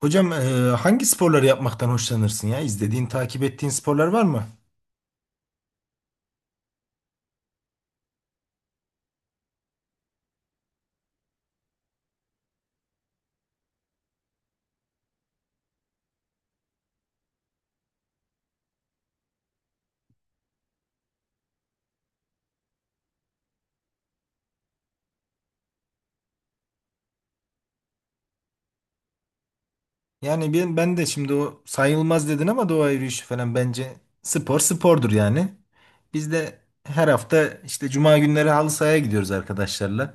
Hocam hangi sporları yapmaktan hoşlanırsın ya? İzlediğin, takip ettiğin sporlar var mı? Yani ben de şimdi o sayılmaz dedin ama doğa yürüyüşü falan bence spor spordur yani. Biz de her hafta işte cuma günleri halı sahaya gidiyoruz arkadaşlarla.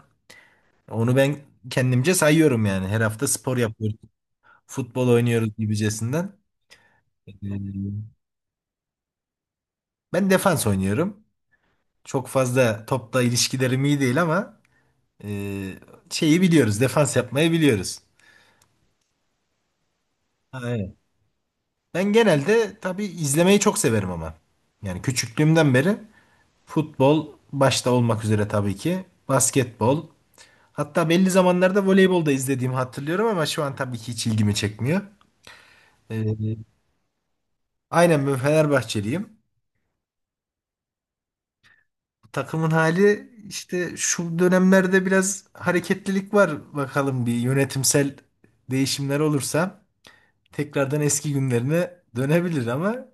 Onu ben kendimce sayıyorum yani. Her hafta spor yapıyoruz. Futbol oynuyoruz gibicesinden. E, Ben defans oynuyorum. Çok fazla topla ilişkilerim iyi değil ama e, şeyi biliyoruz. Defans yapmayı biliyoruz. Aynen. Ben genelde tabii izlemeyi çok severim ama. Yani küçüklüğümden beri futbol başta olmak üzere tabii ki basketbol. Hatta belli zamanlarda voleybol da izlediğimi hatırlıyorum ama şu an tabii ki hiç ilgimi çekmiyor. Ee, aynen ben Fenerbahçeliyim. Takımın hali işte şu dönemlerde biraz hareketlilik var. Bakalım bir yönetimsel değişimler olursa tekrardan eski günlerine dönebilir ama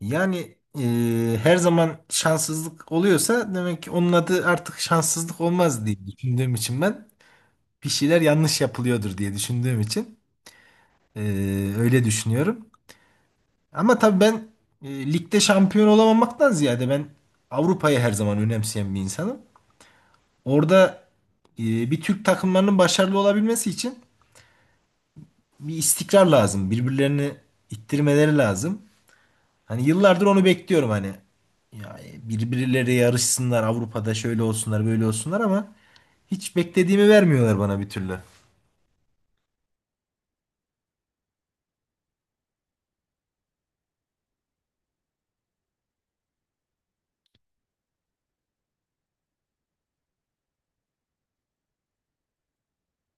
yani her zaman şanssızlık oluyorsa demek ki onun adı artık şanssızlık olmaz diye düşündüğüm için ben bir şeyler yanlış yapılıyordur diye düşündüğüm için e, öyle düşünüyorum. Ama tabii ben ligde şampiyon olamamaktan ziyade ben Avrupa'yı her zaman önemseyen bir insanım. Orada bir Türk takımlarının başarılı olabilmesi için bir istikrar lazım. Birbirlerini ittirmeleri lazım. Hani yıllardır onu bekliyorum hani. Ya birbirleri yarışsınlar Avrupa'da şöyle olsunlar böyle olsunlar ama hiç beklediğimi vermiyorlar bana bir türlü.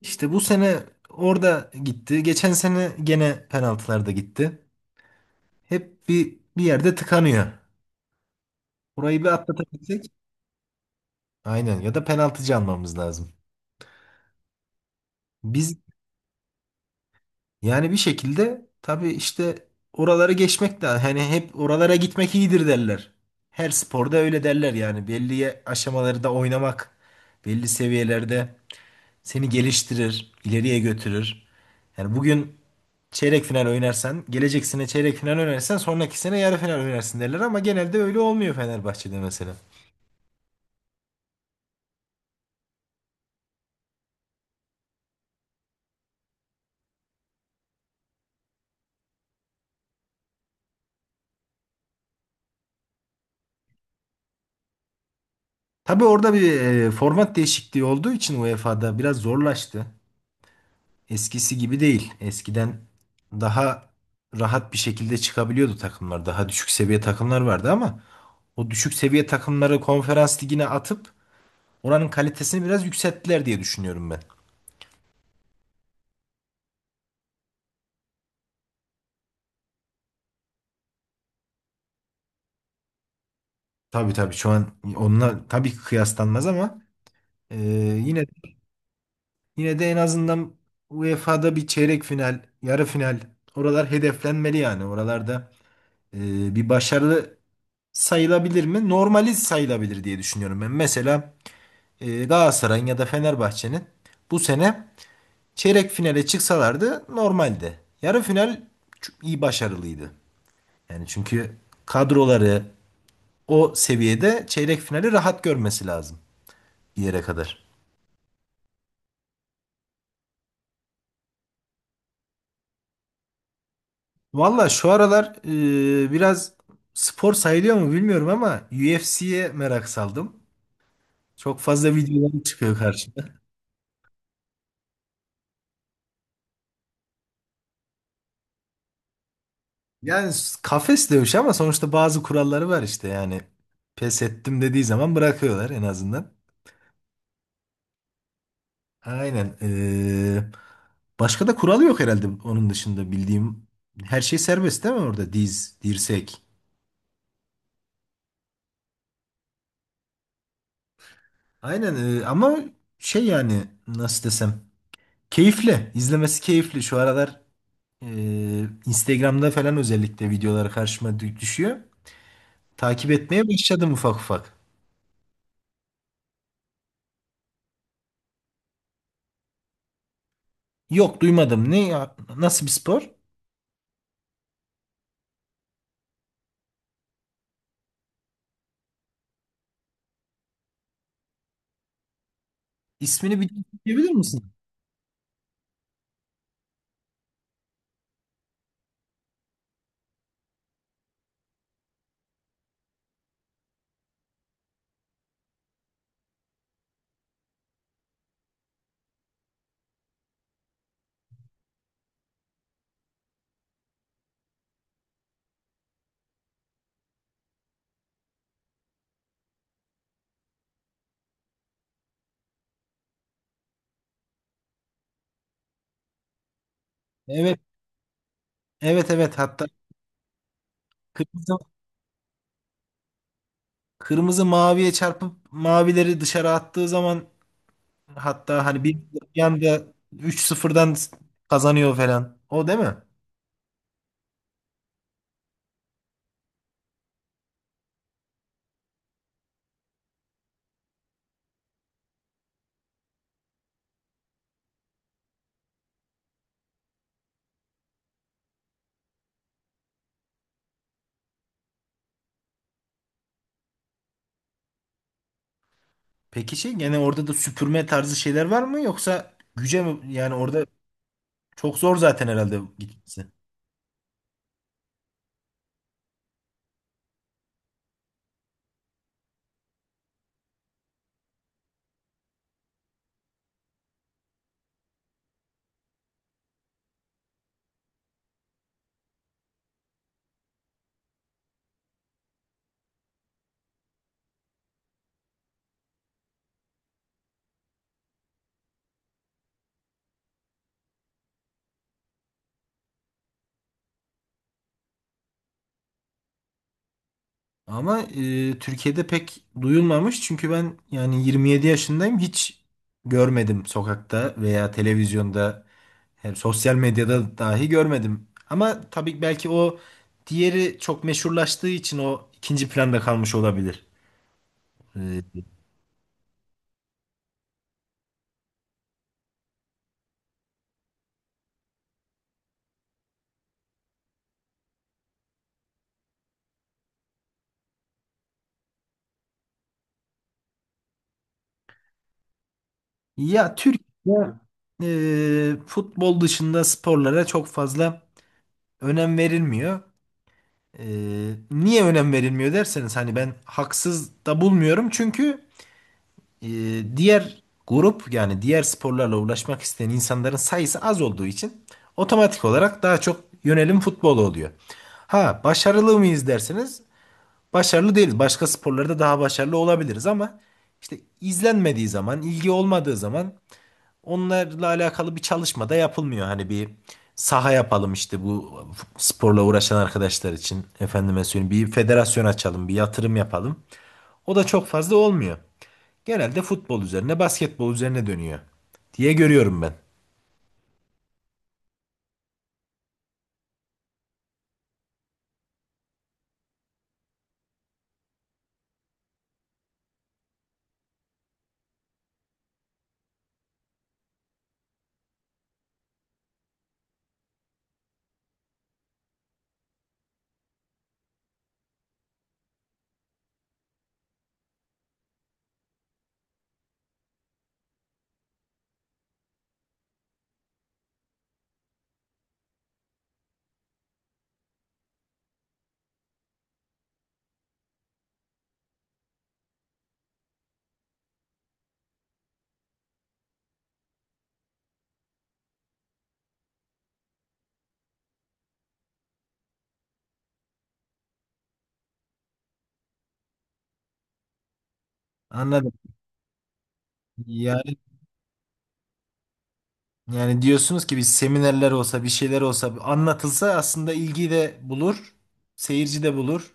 İşte bu sene orada gitti. Geçen sene gene penaltılarda gitti. Hep bir yerde tıkanıyor. Burayı bir atlatabilsek. Aynen ya da penaltıcı almamız lazım. Biz yani bir şekilde tabii işte oraları geçmek de hani hep oralara gitmek iyidir derler. Her sporda öyle derler yani belli aşamaları da oynamak belli seviyelerde seni geliştirir, ileriye götürür. Yani bugün çeyrek final oynarsan, gelecek sene çeyrek final oynarsan sonraki sene yarı final oynarsın derler ama genelde öyle olmuyor Fenerbahçe'de mesela. Tabii orada bir format değişikliği olduğu için UEFA'da biraz zorlaştı. Eskisi gibi değil. Eskiden daha rahat bir şekilde çıkabiliyordu takımlar. Daha düşük seviye takımlar vardı ama o düşük seviye takımları konferans ligine atıp oranın kalitesini biraz yükselttiler diye düşünüyorum ben. Tabii tabii şu an onunla tabii ki kıyaslanmaz ama e, yine yine de en azından UEFA'da bir çeyrek final, yarı final oralar hedeflenmeli yani. Oralarda bir başarılı sayılabilir mi? Normali sayılabilir diye düşünüyorum ben. Mesela Galatasaray'ın ya da Fenerbahçe'nin bu sene çeyrek finale çıksalardı normaldi. Yarı final çok iyi başarılıydı. Yani çünkü kadroları o seviyede çeyrek finali rahat görmesi lazım bir yere kadar. Valla şu aralar biraz spor sayılıyor mu bilmiyorum ama UFC'ye merak saldım. Çok fazla videolar çıkıyor karşıma. Yani kafes dövüşü ama sonuçta bazı kuralları var işte yani. Pes ettim dediği zaman bırakıyorlar en azından. Aynen. Başka da kuralı yok herhalde onun dışında bildiğim. Her şey serbest değil mi orada? Diz, dirsek. Aynen ama şey yani nasıl desem. Keyifli. İzlemesi keyifli. Şu aralar Instagram'da falan özellikle videolar karşıma düşüyor. Takip etmeye başladım ufak ufak. Yok duymadım. Ne ya? Nasıl bir spor? İsmini bir diyebilir misin? Evet. Evet, evet. Hatta kırmızı, kırmızı maviye çarpıp mavileri dışarı attığı zaman, hatta hani bir anda 3-0'dan kazanıyor falan. O değil mi? Peki şey yani orada da süpürme tarzı şeyler var mı yoksa güce mi? Yani orada çok zor zaten herhalde gitmesi. Ama Türkiye'de pek duyulmamış çünkü ben yani 27 yaşındayım hiç görmedim sokakta veya televizyonda hem sosyal medyada dahi görmedim. Ama tabii belki o diğeri çok meşhurlaştığı için o ikinci planda kalmış olabilir. E, Ya Türkiye'de futbol dışında sporlara çok fazla önem verilmiyor. Niye önem verilmiyor derseniz hani ben haksız da bulmuyorum. Çünkü diğer grup yani diğer sporlarla uğraşmak isteyen insanların sayısı az olduğu için otomatik olarak daha çok yönelim futbola oluyor. Ha başarılı mıyız derseniz başarılı değiliz. Başka sporlarda daha başarılı olabiliriz ama işte izlenmediği zaman, ilgi olmadığı zaman onlarla alakalı bir çalışma da yapılmıyor. Hani bir saha yapalım işte bu sporla uğraşan arkadaşlar için. Efendime söyleyeyim bir federasyon açalım, bir yatırım yapalım. O da çok fazla olmuyor. Genelde futbol üzerine, basketbol üzerine dönüyor diye görüyorum ben. Anladım. Yani yani diyorsunuz ki bir seminerler olsa, bir şeyler olsa anlatılsa aslında ilgi de bulur, seyirci de bulur,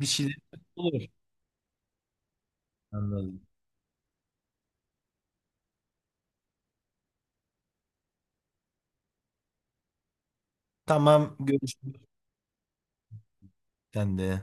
bir şeyler bulur. Anladım. Tamam, görüşürüz. Sen de.